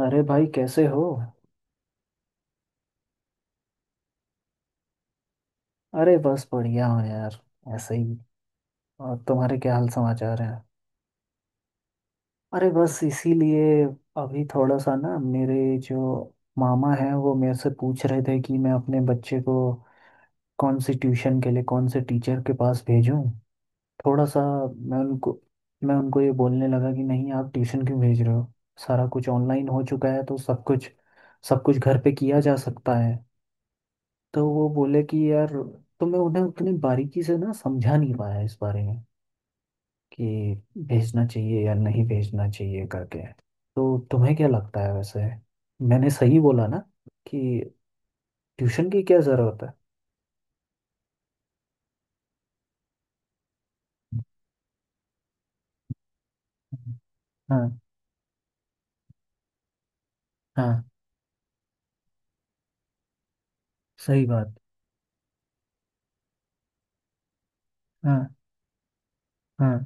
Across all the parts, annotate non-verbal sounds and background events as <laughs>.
अरे भाई, कैसे हो? अरे बस बढ़िया हो यार। ऐसे ही। और तुम्हारे क्या हाल समाचार हैं? अरे बस इसीलिए। अभी थोड़ा सा ना मेरे जो मामा हैं वो मेरे से पूछ रहे थे कि मैं अपने बच्चे को कौन सी ट्यूशन के लिए कौन से टीचर के पास भेजूं। थोड़ा सा। मैं उनको मैं उनको ये बोलने लगा कि नहीं आप ट्यूशन क्यों भेज रहे हो। सारा कुछ ऑनलाइन हो चुका है तो सब कुछ घर पे किया जा सकता है। तो वो बोले कि यार। तो मैं उन्हें उतनी बारीकी से ना समझा नहीं पाया इस बारे में कि भेजना चाहिए या नहीं भेजना चाहिए करके। तो तुम्हें क्या लगता है वैसे? मैंने सही बोला ना? कि ट्यूशन की क्या ज़रूरत है। हाँ, हाँ, सही बात। हाँ, हाँ,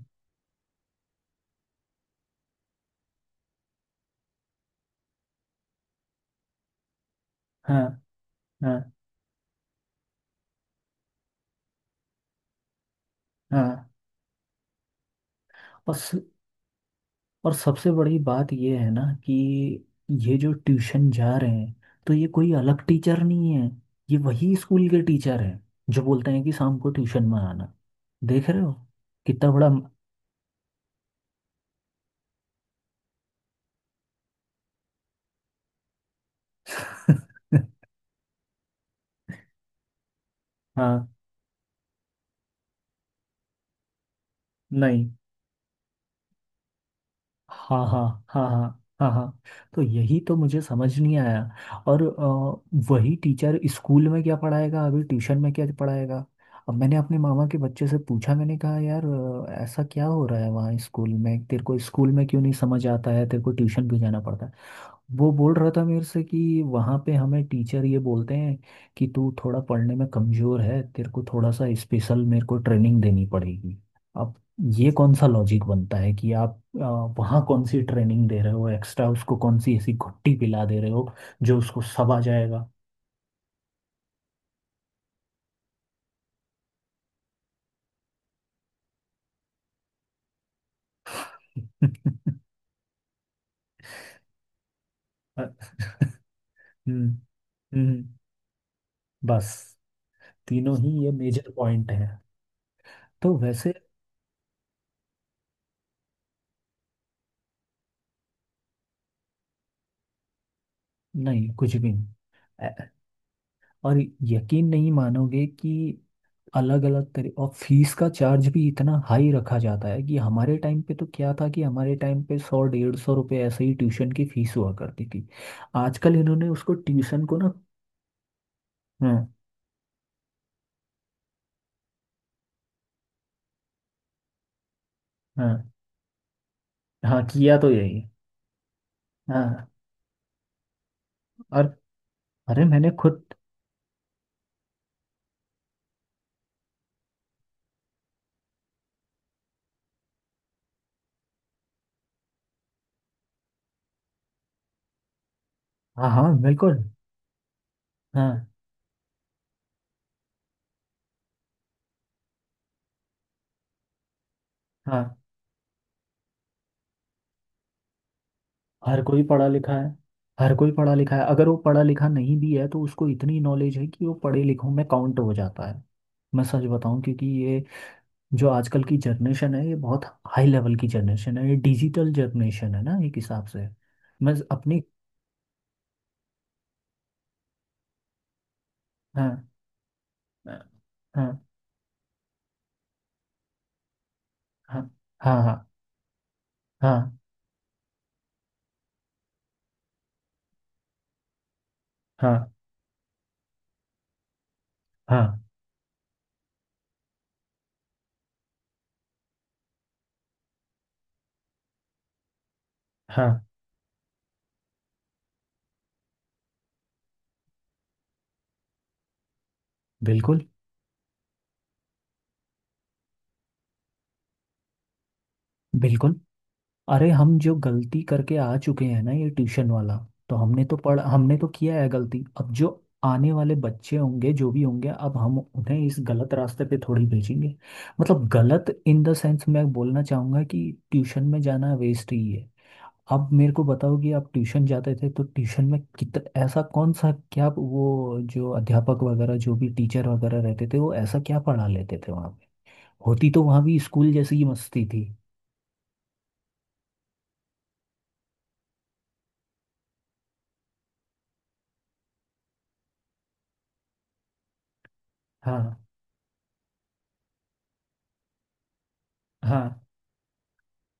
हाँ, हाँ, हाँ। बस, और सबसे बड़ी बात ये है ना कि ये जो ट्यूशन जा रहे हैं, तो ये कोई अलग टीचर नहीं है, ये वही स्कूल के टीचर हैं जो बोलते हैं कि शाम को ट्यूशन में आना। देख रहे हो कितना बड़ा। <laughs> हाँ, नहीं, हाँ, हाँ, हाँ, हाँ, हाँ, हाँ। तो यही तो मुझे समझ नहीं आया। और वही टीचर स्कूल में क्या पढ़ाएगा, अभी ट्यूशन में क्या पढ़ाएगा। अब मैंने अपने मामा के बच्चे से पूछा, मैंने कहा यार ऐसा क्या हो रहा है वहाँ स्कूल में, तेरे को स्कूल में क्यों नहीं समझ आता है, तेरे को ट्यूशन क्यों जाना पड़ता है। वो बोल रहा था मेरे से कि वहाँ पे हमें टीचर ये बोलते हैं कि तू थोड़ा पढ़ने में कमज़ोर है, तेरे को थोड़ा सा स्पेशल मेरे को ट्रेनिंग देनी पड़ेगी। अब ये कौन सा लॉजिक बनता है कि आप वहाँ कौन सी ट्रेनिंग दे रहे हो एक्स्ट्रा, उसको कौन सी ऐसी घुट्टी पिला दे रहे हो जो उसको सब आ जाएगा। <laughs> हम्म। हम्म। बस, तीनों ही ये मेजर पॉइंट है। तो वैसे नहीं, कुछ भी नहीं। और यकीन नहीं मानोगे कि अलग अलग तरह और फीस का चार्ज भी इतना हाई रखा जाता है कि हमारे टाइम पे तो क्या था कि हमारे टाइम पे सौ डेढ़ सौ रुपये ऐसे ही ट्यूशन की फीस हुआ करती थी। आजकल इन्होंने उसको ट्यूशन को ना। हाँ, हाँ। हाँ, किया तो यही है। हाँ। और अरे मैंने खुद। हाँ, हाँ, बिल्कुल। हाँ, हाँ। हर कोई पढ़ा लिखा है। हर कोई पढ़ा लिखा है, अगर वो पढ़ा लिखा नहीं भी है तो उसको इतनी नॉलेज है कि वो पढ़े लिखों में काउंट हो जाता है। मैं सच बताऊं, क्योंकि ये जो आजकल की जनरेशन है ये बहुत हाई लेवल की जनरेशन है, ये डिजिटल जनरेशन है ना एक हिसाब से। मैं अपनी। हाँ, हाँ। हाँ, हाँ, हाँ, हाँ, हाँ, हाँ, हाँ, बिल्कुल। बिल्कुल। अरे हम जो गलती करके आ चुके हैं ना, ये ट्यूशन वाला, तो हमने तो पढ़ हमने तो किया है गलती। अब जो आने वाले बच्चे होंगे जो भी होंगे, अब हम उन्हें इस गलत रास्ते पे थोड़ी भेजेंगे। मतलब गलत इन द सेंस, मैं बोलना चाहूँगा कि ट्यूशन में जाना वेस्ट ही है। आप मेरे को बताओ कि आप ट्यूशन जाते थे तो ट्यूशन में कितना ऐसा कौन सा क्या, वो जो अध्यापक वगैरह जो भी टीचर वगैरह रहते थे वो ऐसा क्या पढ़ा लेते थे वहाँ पे? होती तो वहाँ भी स्कूल जैसी ही मस्ती थी। हाँ, हाँ,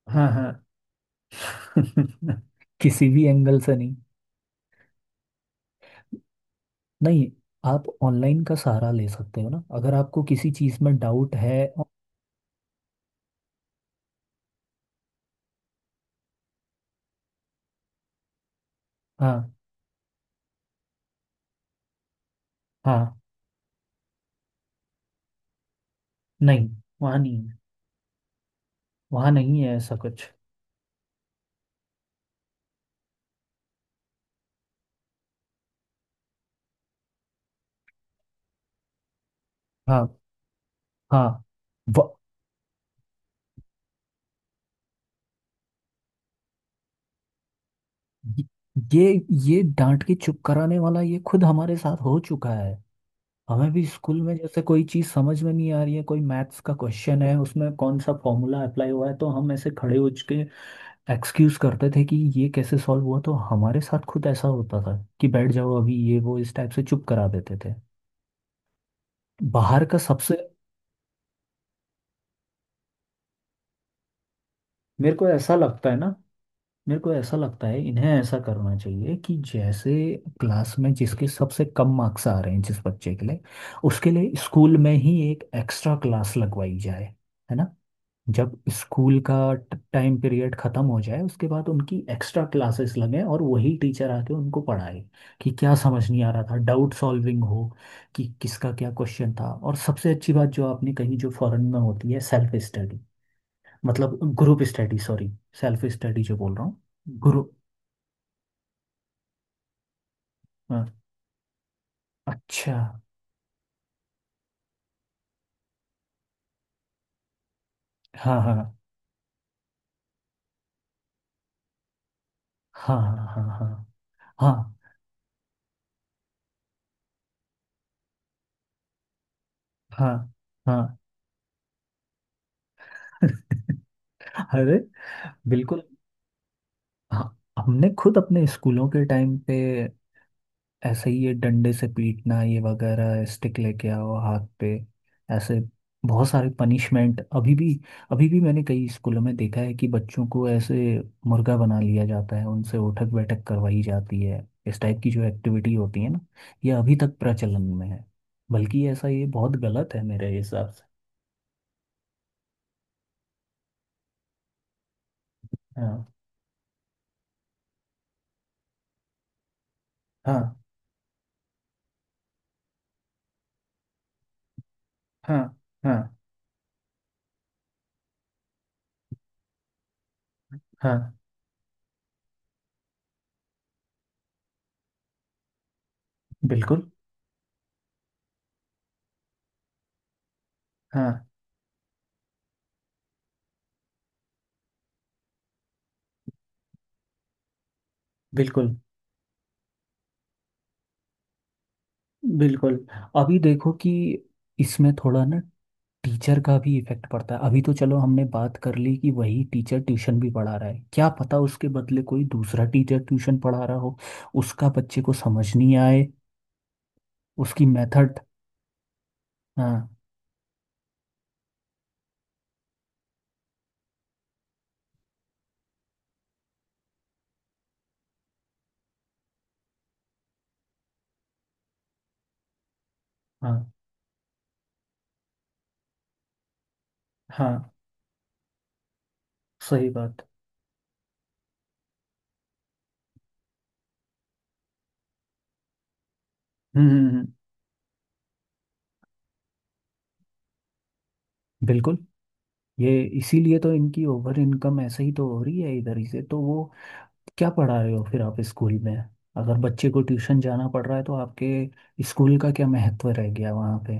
हाँ, हाँ। <laughs> किसी भी एंगल से नहीं। नहीं, आप ऑनलाइन का सहारा ले सकते हो ना, अगर आपको किसी चीज़ में डाउट है। हाँ, हाँ। नहीं, वहाँ नहीं है। वहाँ नहीं है ऐसा कुछ। हाँ, हाँ। ये ये ये डांट के चुप कराने वाला ये खुद हमारे साथ हो चुका है। हमें भी स्कूल में जैसे कोई चीज समझ में नहीं आ रही है, कोई मैथ्स का क्वेश्चन है उसमें कौन सा फॉर्मूला अप्लाई हुआ है, तो हम ऐसे खड़े हो के एक्सक्यूज करते थे कि ये कैसे सॉल्व हुआ, तो हमारे साथ खुद ऐसा होता था कि बैठ जाओ अभी ये वो, इस टाइप से चुप करा देते थे। बाहर का सबसे। मेरे को ऐसा लगता है ना, मेरे को ऐसा लगता है इन्हें ऐसा करना चाहिए कि जैसे क्लास में जिसके सबसे कम मार्क्स आ रहे हैं जिस बच्चे के लिए, उसके लिए स्कूल में ही एक एक्स्ट्रा क्लास लगवाई जाए। है ना? जब स्कूल का टाइम पीरियड खत्म हो जाए उसके बाद उनकी एक्स्ट्रा क्लासेस लगें और वही टीचर आके उनको पढ़ाए कि क्या समझ नहीं आ रहा था, डाउट सॉल्विंग हो कि किसका क्या क्वेश्चन था। और सबसे अच्छी बात जो आपने कही जो फॉरेन में होती है, सेल्फ स्टडी, मतलब group study, sorry, self study जो बोल रहा हूँ। हाँ, अच्छा। हाँ, हाँ, हाँ, हाँ, हाँ, हाँ, हाँ, हाँ, हाँ। <laughs> अरे, बिल्कुल। हाँ हमने खुद अपने स्कूलों के टाइम पे, ऐसे ही ये डंडे से पीटना, ये वगैरह स्टिक लेके आओ हाथ पे, ऐसे बहुत सारे पनिशमेंट। अभी भी, अभी भी मैंने कई स्कूलों में देखा है कि बच्चों को ऐसे मुर्गा बना लिया जाता है, उनसे उठक बैठक करवाई जाती है, इस टाइप की जो एक्टिविटी होती है ना, ये अभी तक प्रचलन में है। बल्कि ऐसा, ये बहुत गलत है मेरे हिसाब से। हाँ, हाँ, हाँ, हाँ, हाँ, बिल्कुल, हाँ, बिल्कुल, बिल्कुल। अभी देखो कि इसमें थोड़ा ना टीचर का भी इफेक्ट पड़ता है। अभी तो चलो हमने बात कर ली कि वही टीचर ट्यूशन भी पढ़ा रहा है, क्या पता उसके बदले कोई दूसरा टीचर ट्यूशन पढ़ा रहा हो, उसका बच्चे को समझ नहीं आए, उसकी मेथड। हाँ, हाँ, हाँ, सही बात। हम्म। हम्म। हम्म। बिल्कुल। ये इसीलिए तो इनकी ओवर इनकम ऐसे ही तो हो रही है, इधर ही से तो वो। क्या पढ़ा रहे हो फिर आप स्कूल में? अगर बच्चे को ट्यूशन जाना पड़ रहा है तो आपके स्कूल का क्या महत्व रह गया वहाँ पे?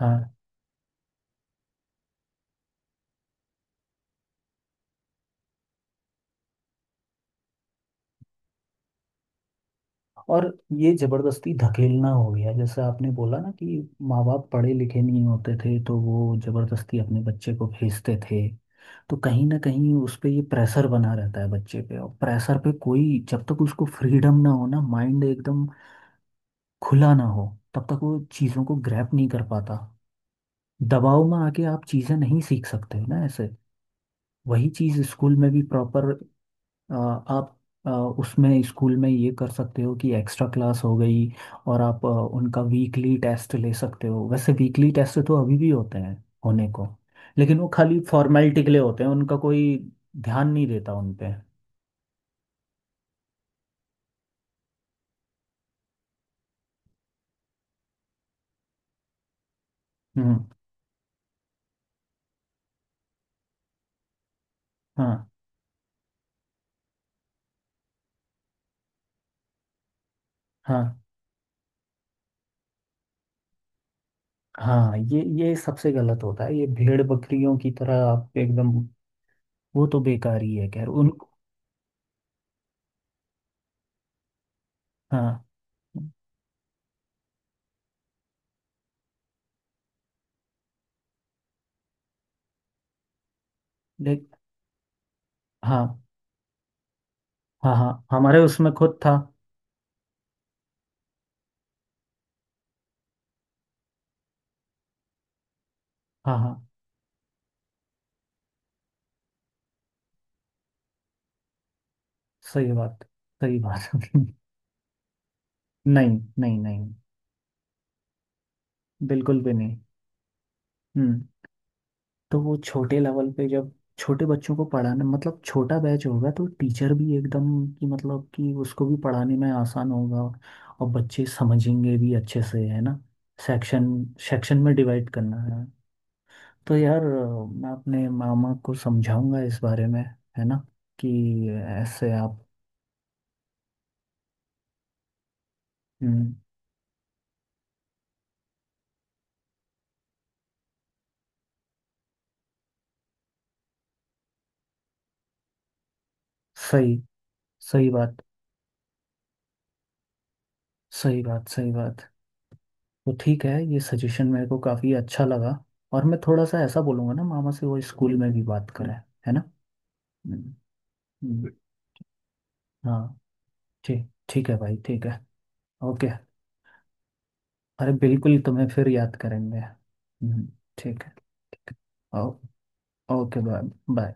हाँ। और ये जबरदस्ती धकेलना हो गया जैसे आपने बोला ना कि माँ बाप पढ़े लिखे नहीं होते थे तो वो जबरदस्ती अपने बच्चे को भेजते थे, तो कहीं ना कहीं उस पे ये प्रेशर बना रहता है बच्चे पे, और प्रेशर पे कोई, जब तक उसको फ्रीडम ना हो ना, माइंड एकदम खुला ना हो, तब तक वो चीज़ों को ग्रैप नहीं कर पाता। दबाव में आके आप चीज़ें नहीं सीख सकते ना ऐसे। वही चीज़ स्कूल में भी प्रॉपर आप अ, उसमें स्कूल में ये कर सकते हो कि एक्स्ट्रा क्लास हो गई, और आप उनका वीकली टेस्ट ले सकते हो। वैसे वीकली टेस्ट तो अभी भी होते हैं, होने को, लेकिन वो खाली फॉर्मेलिटी के लिए होते हैं, उनका कोई ध्यान नहीं देता उन पे। हम्म। हाँ, हाँ। हाँ ये सबसे गलत होता है, ये भेड़ बकरियों की तरह आप एकदम, वो तो बेकार ही है, खैर उन। हाँ, ले, हाँ, हाँ, हाँ हमारे उसमें खुद था। हाँ, हाँ, सही बात, सही बात। <laughs> नहीं, नहीं, नहीं। बिल्कुल भी नहीं। हम्म। तो वो छोटे लेवल पे जब छोटे बच्चों को पढ़ाना, मतलब छोटा बैच होगा तो टीचर भी एकदम, कि मतलब कि उसको भी पढ़ाने में आसान होगा और बच्चे समझेंगे भी अच्छे से। है ना? सेक्शन, सेक्शन में डिवाइड करना है। तो यार मैं अपने मामा को समझाऊंगा इस बारे में। है ना? कि ऐसे आप। हम्म। सही, सही बात, सही बात, सही बात। तो ठीक है, ये सजेशन मेरे को काफ़ी अच्छा लगा। और मैं थोड़ा सा ऐसा बोलूँगा ना मामा से, वो स्कूल में भी बात करें। है ना? हम्म। हम्म। हाँ। ठीक, ठीक है भाई, ठीक है। ओके, अरे बिल्कुल, तुम्हें फिर याद करेंगे। हम्म। ठीक है। ठीक है। ओ-, ओके बाय। बाय।